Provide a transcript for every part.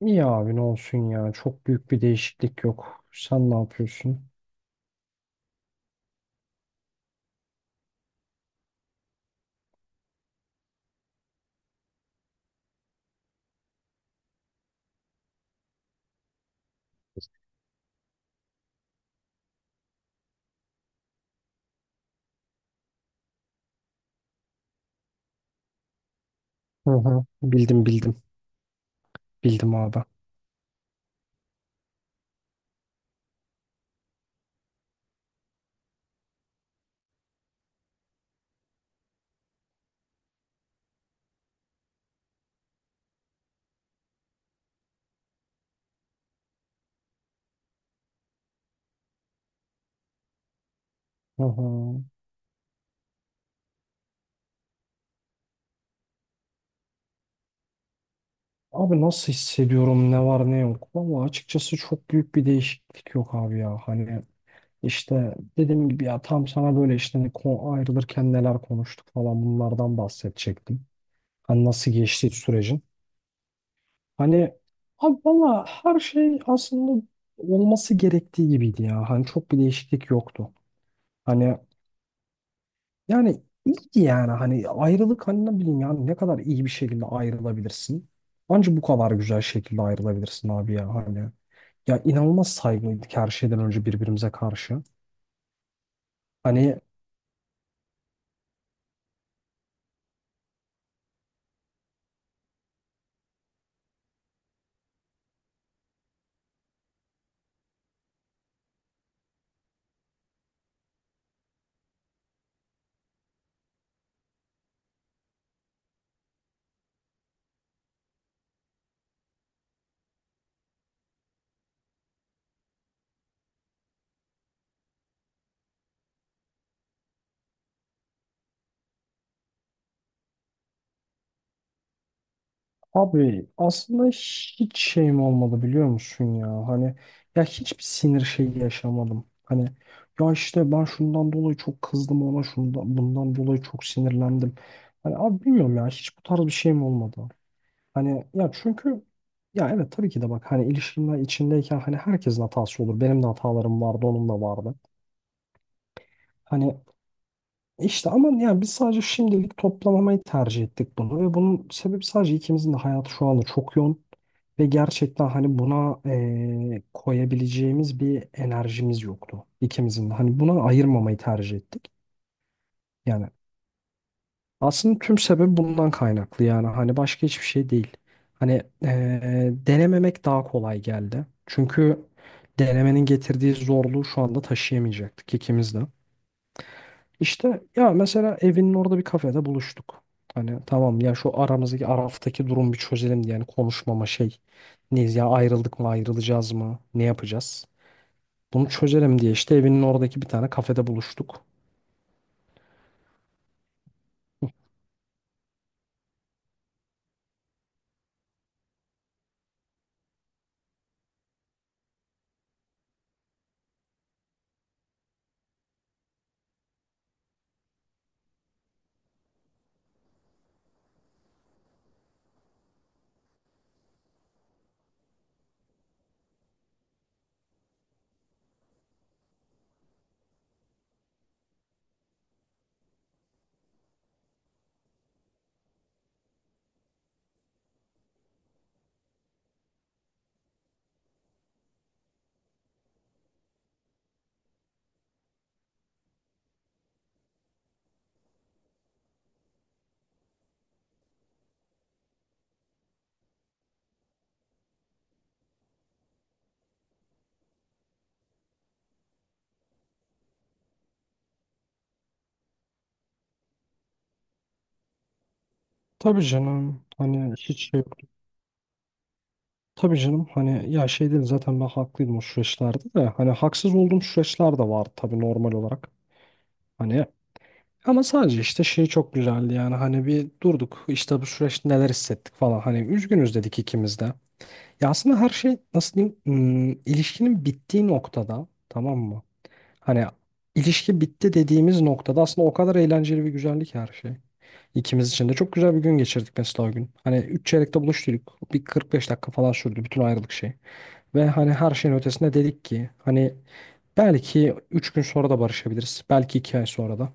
İyi abi, ne olsun ya. Çok büyük bir değişiklik yok. Sen ne yapıyorsun? Hı hı. Bildim bildim. Bildim abi. Hı hı. Abi, nasıl hissediyorum ne var ne yok. Valla açıkçası çok büyük bir değişiklik yok abi ya. Hani işte dediğim gibi ya, tam sana böyle işte hani ayrılırken neler konuştuk falan, bunlardan bahsedecektim. Hani nasıl geçti sürecin. Hani abi valla her şey aslında olması gerektiği gibiydi ya. Hani çok bir değişiklik yoktu. Hani yani iyiydi yani, hani ayrılık, hani ne bileyim yani, ne kadar iyi bir şekilde ayrılabilirsin. Anca bu kadar güzel şekilde ayrılabilirsin abi ya hani. Ya inanılmaz saygılıydık her şeyden önce birbirimize karşı. Hani abi, aslında hiç şeyim olmadı biliyor musun ya hani, ya hiçbir sinir şeyi yaşamadım. Hani ya işte, ben şundan dolayı çok kızdım ona, şundan bundan dolayı çok sinirlendim. Hani abi bilmiyorum ya, hiç bu tarz bir şeyim olmadı. Hani ya çünkü ya evet, tabii ki de, bak hani, ilişkiler içindeyken hani herkesin hatası olur. Benim de hatalarım vardı, onun da vardı. Hani işte, ama yani biz sadece şimdilik toplamamayı tercih ettik bunu ve bunun sebebi sadece ikimizin de hayatı şu anda çok yoğun ve gerçekten hani buna koyabileceğimiz bir enerjimiz yoktu ikimizin de. Hani buna ayırmamayı tercih ettik. Yani aslında tüm sebep bundan kaynaklı yani, hani başka hiçbir şey değil. Hani denememek daha kolay geldi. Çünkü denemenin getirdiği zorluğu şu anda taşıyamayacaktık ikimiz de. İşte ya, mesela evinin orada bir kafede buluştuk. Hani tamam ya, şu aramızdaki araftaki durum bir çözelim diye yani, konuşmama şey, neyiz ya, ayrıldık mı, ayrılacağız mı, ne yapacağız? Bunu çözelim diye işte evinin oradaki bir tane kafede buluştuk. Tabii canım, hani hiç şey yok. Tabii canım, hani ya şey değil, zaten ben haklıydım o süreçlerde de, hani haksız olduğum süreçler de vardı, tabii normal olarak. Hani ama sadece işte şey çok güzeldi yani, hani bir durduk işte, bu süreçte neler hissettik falan, hani üzgünüz dedik ikimiz de. Ya aslında her şey nasıl diyeyim, ilişkinin bittiği noktada, tamam mı? Hani ilişki bitti dediğimiz noktada aslında o kadar eğlenceli ve güzellik her şey. İkimiz için de çok güzel bir gün geçirdik mesela o gün. Hani üç çeyrekte buluştuk. Bir 45 dakika falan sürdü bütün ayrılık şeyi. Ve hani her şeyin ötesinde dedik ki hani belki 3 gün sonra da barışabiliriz. Belki 2 ay sonra da.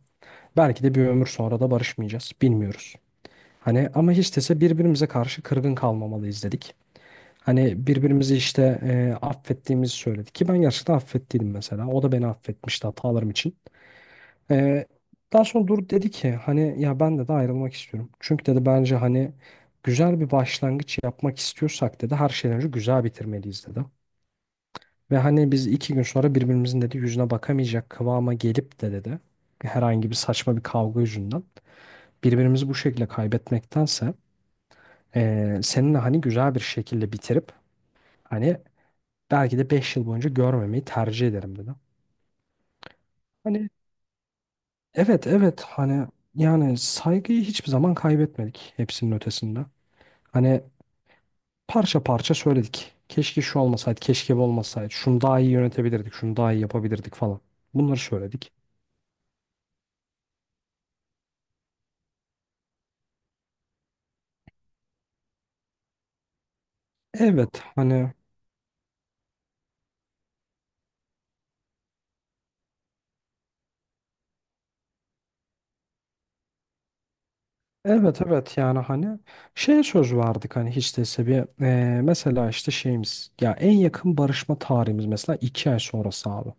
Belki de bir ömür sonra da barışmayacağız. Bilmiyoruz. Hani ama hiç dese birbirimize karşı kırgın kalmamalıyız dedik. Hani birbirimizi işte affettiğimizi söyledik ki ben gerçekten affettiydim mesela. O da beni affetmişti hatalarım için. E, Daha sonra dur dedi ki, hani ya ben de de ayrılmak istiyorum. Çünkü dedi, bence hani güzel bir başlangıç yapmak istiyorsak dedi, her şeyden önce güzel bitirmeliyiz dedi. Ve hani biz 2 gün sonra birbirimizin dedi yüzüne bakamayacak kıvama gelip de dedi, herhangi bir saçma bir kavga yüzünden birbirimizi bu şekilde kaybetmektense seninle hani güzel bir şekilde bitirip hani belki de 5 yıl boyunca görmemeyi tercih ederim dedi. Hani evet evet, hani yani saygıyı hiçbir zaman kaybetmedik hepsinin ötesinde. Hani parça parça söyledik. Keşke şu olmasaydı, keşke bu olmasaydı. Şunu daha iyi yönetebilirdik, şunu daha iyi yapabilirdik falan. Bunları söyledik. Evet hani, evet evet yani, hani şey söz verdik hani, hiç değilse bir, mesela işte şeyimiz ya, en yakın barışma tarihimiz mesela 2 ay sonrası abi.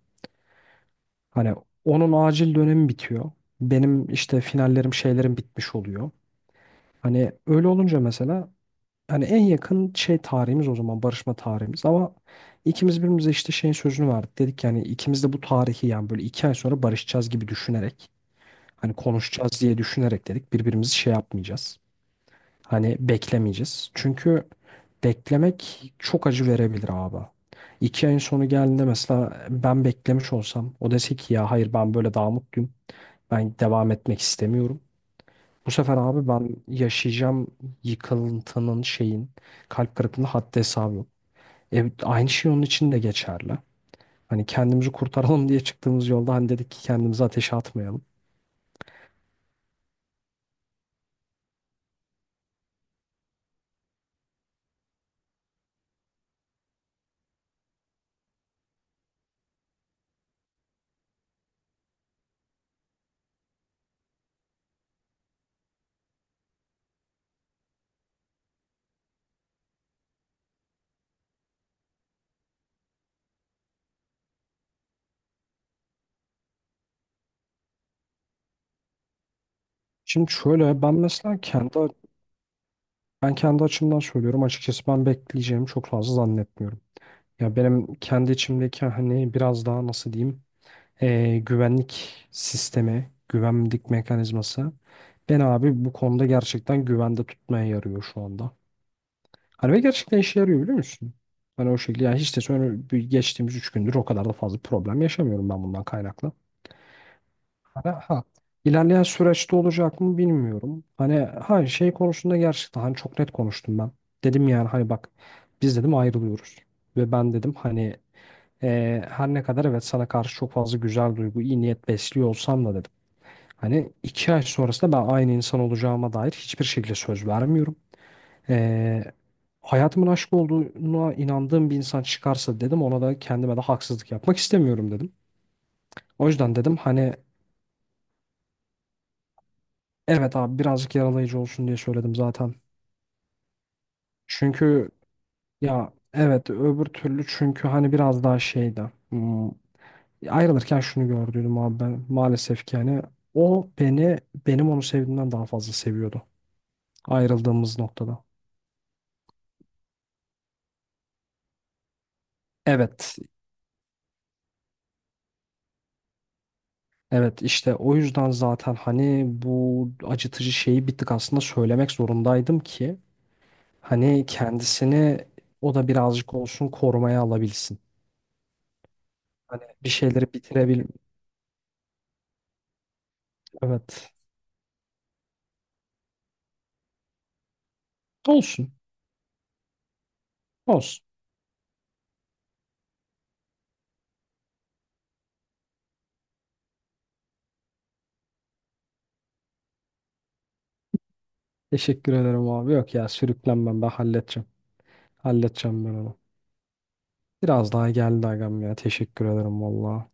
Hani onun acil dönemi bitiyor. Benim işte finallerim şeylerim bitmiş oluyor. Hani öyle olunca mesela, hani en yakın şey tarihimiz o zaman, barışma tarihimiz ama ikimiz birbirimize işte şeyin sözünü verdik. Dedik yani, ikimiz de bu tarihi yani böyle 2 ay sonra barışacağız gibi düşünerek, hani konuşacağız diye düşünerek dedik, birbirimizi şey yapmayacağız. Hani beklemeyeceğiz. Çünkü beklemek çok acı verebilir abi. 2 ayın sonu geldiğinde mesela ben beklemiş olsam, o dese ki ya hayır ben böyle daha mutluyum. Ben devam etmek istemiyorum. Bu sefer abi ben yaşayacağım yıkıntının, şeyin, kalp kırıklığının haddi hesabı yok. Aynı şey onun için de geçerli. Hani kendimizi kurtaralım diye çıktığımız yolda hani dedik ki kendimizi ateşe atmayalım. Şimdi şöyle ben mesela kendi, ben kendi açımdan söylüyorum, açıkçası ben bekleyeceğimi çok fazla zannetmiyorum. Ya benim kendi içimdeki hani biraz daha nasıl diyeyim, güvenlik sistemi, güvenlik mekanizması beni abi bu konuda gerçekten güvende tutmaya yarıyor şu anda. Hani ve gerçekten işe yarıyor biliyor musun? Hani o şekilde yani, hiç de sonra, bir geçtiğimiz 3 gündür o kadar da fazla problem yaşamıyorum ben bundan kaynaklı. Hani ha, ilerleyen süreçte olacak mı bilmiyorum. Hani ha şey konusunda gerçekten hani çok net konuştum ben. Dedim yani, hani bak biz dedim ayrılıyoruz. Ve ben dedim hani, her ne kadar evet sana karşı çok fazla güzel duygu, iyi niyet besliyor olsam da dedim. Hani 2 ay sonrasında ben aynı insan olacağıma dair hiçbir şekilde söz vermiyorum. Ee, Hayatımın aşk olduğuna inandığım bir insan çıkarsa dedim, ona da kendime de haksızlık yapmak istemiyorum dedim. O yüzden dedim hani, evet abi birazcık yaralayıcı olsun diye söyledim zaten. Çünkü ya evet, öbür türlü çünkü hani biraz daha şeydi. Ayrılırken şunu gördüydüm abi, ben maalesef ki yani, o beni, benim onu sevdiğimden daha fazla seviyordu ayrıldığımız noktada. Evet. Evet işte o yüzden zaten hani bu acıtıcı şeyi bir tık aslında söylemek zorundaydım ki hani kendisini, o da birazcık olsun korumaya alabilsin. Hani bir şeyleri bitirebil. Evet. Olsun. Olsun. Teşekkür ederim abi. Yok ya, sürüklenmem, ben halledeceğim. Halledeceğim ben onu. Biraz daha geldi agam ya. Teşekkür ederim valla.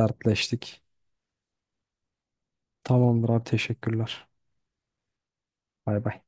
Dertleştik. Tamamdır abi, teşekkürler. Bay bay.